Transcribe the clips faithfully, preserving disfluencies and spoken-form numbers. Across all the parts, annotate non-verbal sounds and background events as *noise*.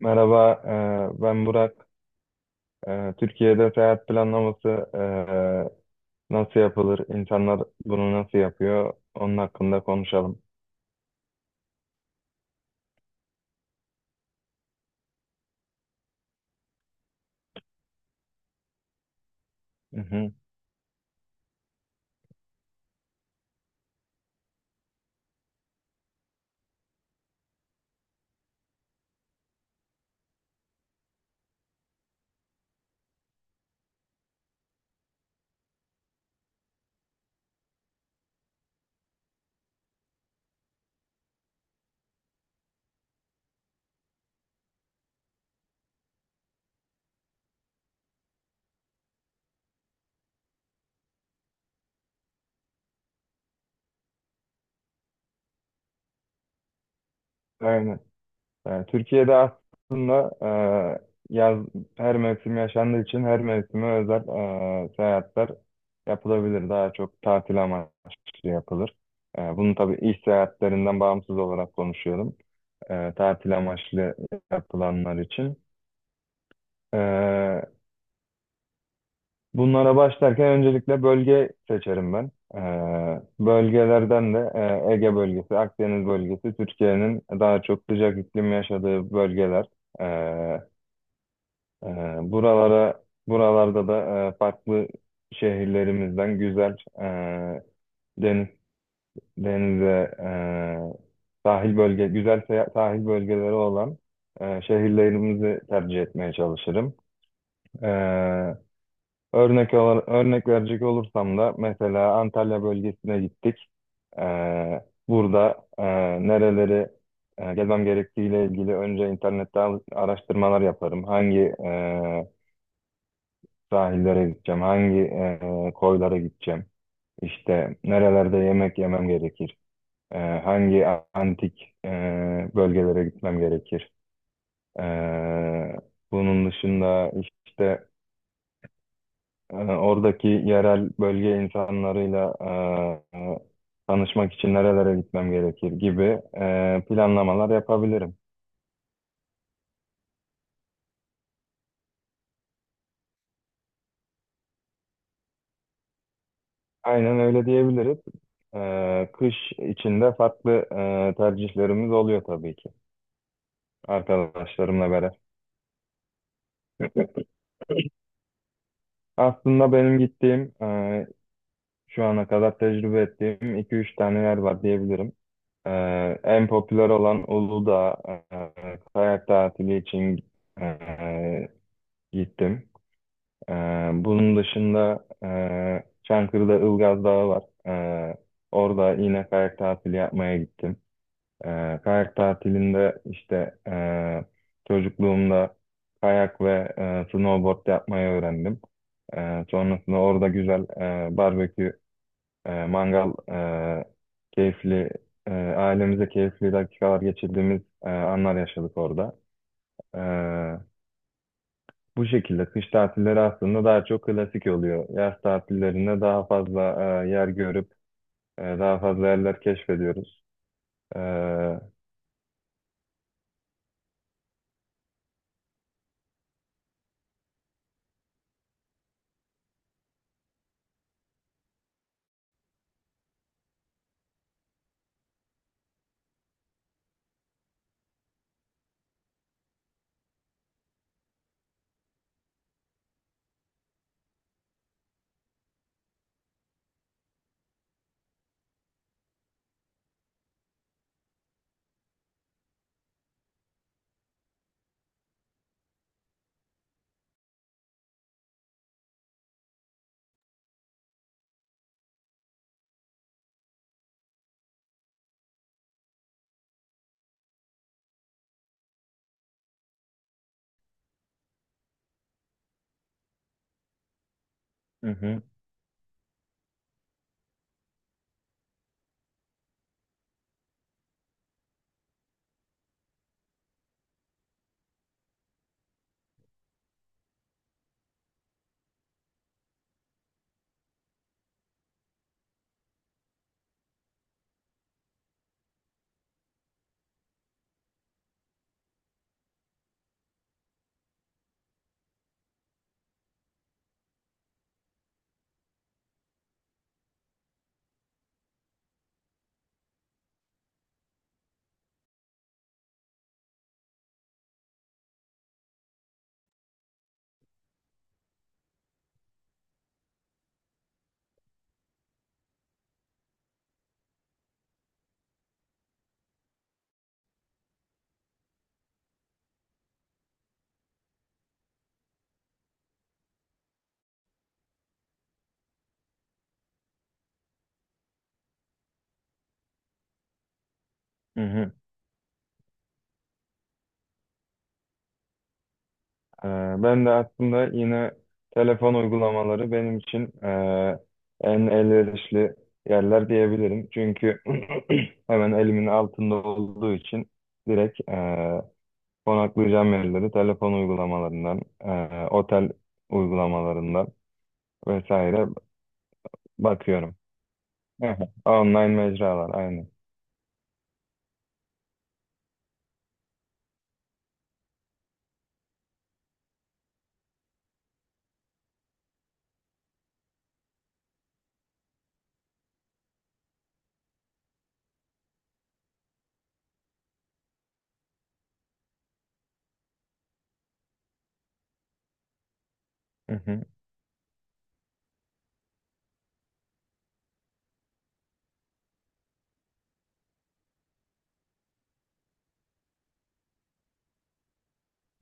Merhaba, e, ben Burak. E, Türkiye'de seyahat planlaması e, nasıl yapılır? İnsanlar bunu nasıl yapıyor? Onun hakkında konuşalım. Hı hı. Aynen. E, Türkiye'de aslında e, yaz her mevsim yaşandığı için her mevsime özel e, seyahatler yapılabilir. Daha çok tatil amaçlı yapılır. E, bunu tabii iş seyahatlerinden bağımsız olarak konuşuyorum. E, tatil amaçlı yapılanlar için. E, Bunlara başlarken öncelikle bölge seçerim ben. Ee, bölgelerden de e, Ege bölgesi, Akdeniz bölgesi, Türkiye'nin daha çok sıcak iklim yaşadığı bölgeler. Ee, e, Buralara, buralarda da e, farklı şehirlerimizden güzel e, deniz, denize, e, sahil bölge, güzel seya- sahil bölgeleri olan e, şehirlerimizi tercih etmeye çalışırım. Ee, Örnek olarak, örnek verecek olursam da mesela Antalya bölgesine gittik. Ee, Burada e, nereleri e, gezmem gerektiğiyle ilgili önce internette al- araştırmalar yaparım. Hangi e, sahillere gideceğim, hangi e, koylara gideceğim, işte nerelerde yemek yemem gerekir, e, hangi a- antik e, bölgelere gitmem gerekir. E, Bunun dışında işte e, oradaki yerel bölge insanlarıyla e, e, tanışmak için nerelere gitmem gerekir gibi e, planlamalar yapabilirim. Aynen öyle diyebiliriz. E, kış içinde farklı e, tercihlerimiz oluyor tabii ki, arkadaşlarımla beraber. Aslında benim gittiğim, e, şu ana kadar tecrübe ettiğim iki üç tane yer var diyebilirim. E, En popüler olan Uludağ, e, kayak tatili için e, gittim. Ee, bunun dışında e, Çankırı'da Ilgaz Dağı var. Ee, orada yine kayak tatili yapmaya gittim. Ee, kayak tatilinde işte e, çocukluğumda kayak ve e, snowboard yapmayı öğrendim. Ee, sonrasında orada güzel e, barbekü, e, mangal, e, keyifli, e, ailemize keyifli dakikalar geçirdiğimiz e, anlar yaşadık orada. Bu şekilde kış tatilleri aslında daha çok klasik oluyor. Yaz tatillerinde daha fazla e, yer görüp e, daha fazla yerler keşfediyoruz. E, hı hı, hı hı. E, Ben de aslında yine telefon uygulamaları benim için e, en elverişli yerler diyebilirim. Çünkü *clears throat* hemen elimin altında olduğu için direkt e, konaklayacağım yerleri telefon uygulamalarından, e, otel uygulamalarından vesaire bakıyorum. Aha, online mecralar aynen. Hı hı.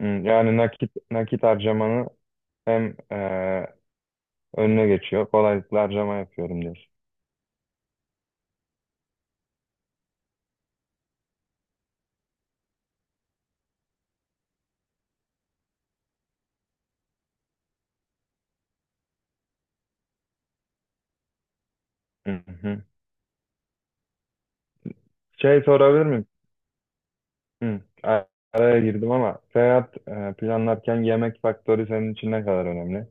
Hı, yani nakit nakit harcamanı hem eee, önüne geçiyor. Kolaylıkla harcama yapıyorum diyorsun. Hı hı. Şey sorabilir miyim? Hı. a- Araya girdim ama seyahat eee, planlarken yemek faktörü senin için ne kadar önemli?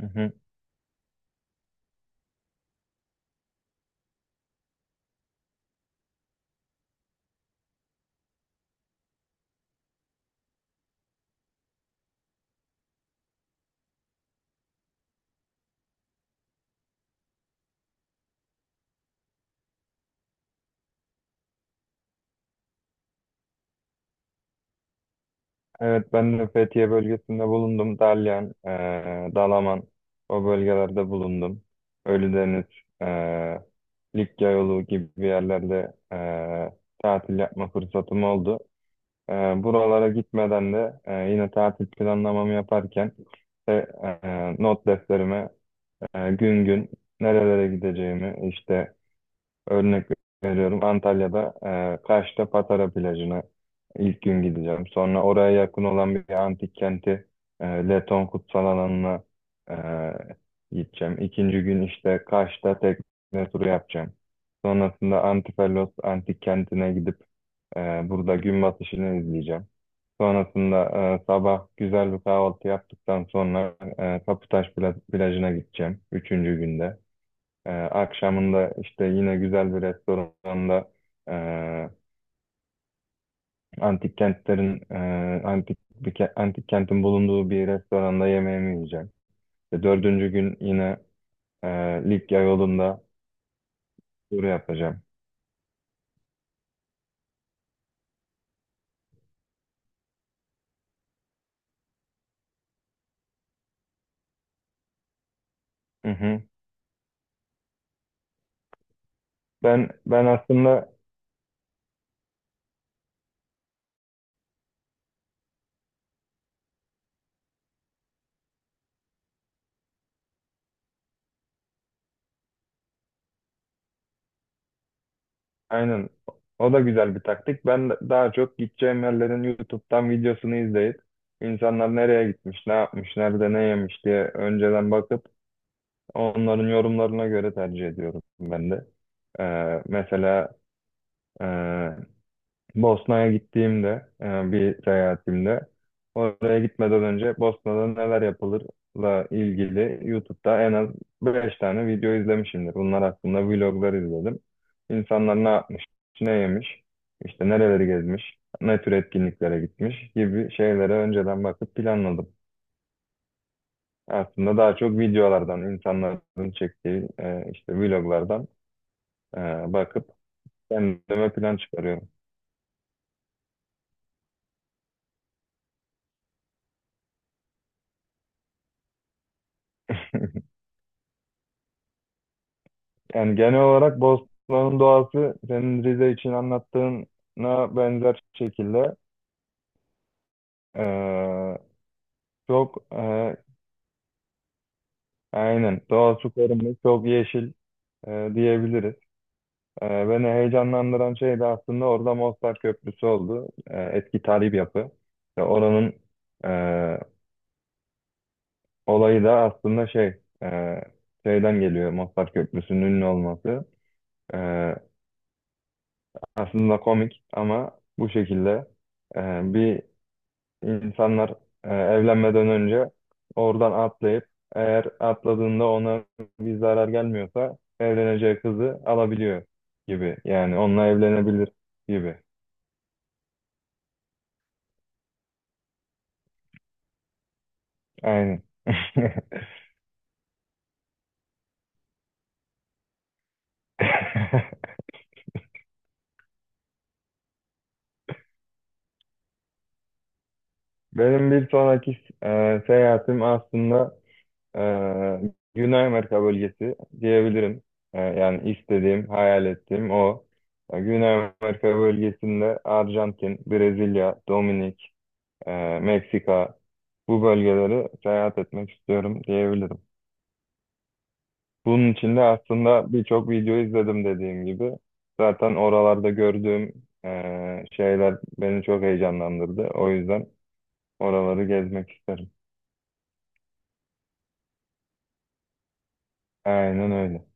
Hı hı. Evet, ben de Fethiye bölgesinde bulundum. Dalyan, eee, Dalaman, o bölgelerde bulundum. Ölüdeniz, eee Likya yolu gibi yerlerde eee, tatil yapma fırsatım oldu. Eee, Buralara gitmeden de eee, yine tatil planlamamı yaparken işte, e, eee, not defterime eee, gün gün nerelere gideceğimi, işte örnek veriyorum, Antalya'da e, Kaş'ta Patara plajına ilk gün gideceğim. Sonra oraya yakın olan bir antik kenti, e, Leton Kutsal Alanı'na e, gideceğim. İkinci gün işte Kaş'ta tekne turu yapacağım. Sonrasında Antipalos antik kentine gidip e, burada gün batışını izleyeceğim. Sonrasında e, sabah güzel bir kahvaltı yaptıktan sonra e, Kaputaş pla- plajına gideceğim. Üçüncü günde. Ee, akşamında işte yine güzel bir restoranda, e, antik kentlerin e, antik bir ke- antik kentin bulunduğu bir restoranda yemeğimi yiyeceğim. Ve dördüncü gün yine e, Likya yolunda tur yapacağım. Hı hı. Ben ben aslında, aynen, o da güzel bir taktik. Ben de- daha çok gideceğim yerlerin YouTube'dan videosunu izleyip, insanlar nereye gitmiş, ne yapmış, nerede ne yemiş diye önceden bakıp onların yorumlarına göre tercih ediyorum ben de. Ee, mesela, e, Bosna'ya gittiğimde, e, bir seyahatimde, oraya gitmeden önce Bosna'da neler yapılırla ilgili YouTube'da en az beş tane video izlemişimdir. Bunlar hakkında vloglar izledim. İnsanlar ne yapmış, ne yemiş, işte nereleri gezmiş, ne tür etkinliklere gitmiş gibi şeylere önceden bakıp planladım. Aslında daha çok videolardan, insanların çektiği e, işte vloglardan, Ee, bakıp kendime plan çıkarıyorum. Yani genel olarak Bosna'nın doğası senin Rize için anlattığına benzer şekilde, ee, çok, ee, aynen doğası korunmuş, çok yeşil, ee, diyebiliriz. Ee, beni heyecanlandıran şey de aslında orada Mostar Köprüsü oldu. Ee, eski tarihi bir yapı. Ve oranın ee, olayı da aslında şey, ee, şeyden geliyor, Mostar Köprüsü'nün ünlü olması. E, Aslında komik ama bu şekilde, e, bir insanlar e, evlenmeden önce oradan atlayıp, eğer atladığında ona bir zarar gelmiyorsa, evleneceği kızı alabiliyor gibi. Yani onunla evlenebilir gibi. Aynen. *laughs* Benim bir sonraki e, seyahatim aslında, Ee, Güney Amerika bölgesi diyebilirim. Ee, yani istediğim, hayal ettiğim o. Ee, Güney Amerika bölgesinde Arjantin, Brezilya, Dominik, e, Meksika, bu bölgeleri seyahat etmek istiyorum diyebilirim. Bunun için de aslında birçok video izledim dediğim gibi. Zaten oralarda gördüğüm e, şeyler beni çok heyecanlandırdı. O yüzden oraları gezmek isterim. Aynen öyle.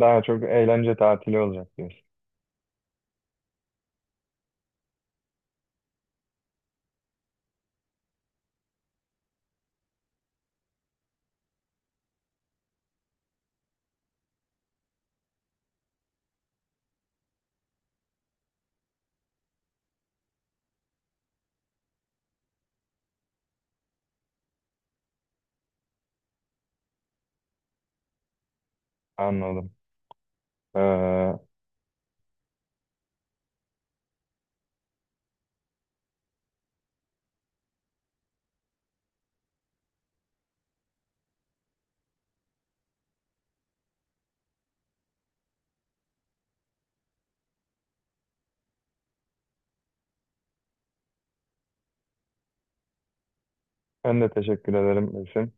Daha çok eğlence tatili olacak diyorsun. Anladım. Ee, Ben de teşekkür ederim, Esin.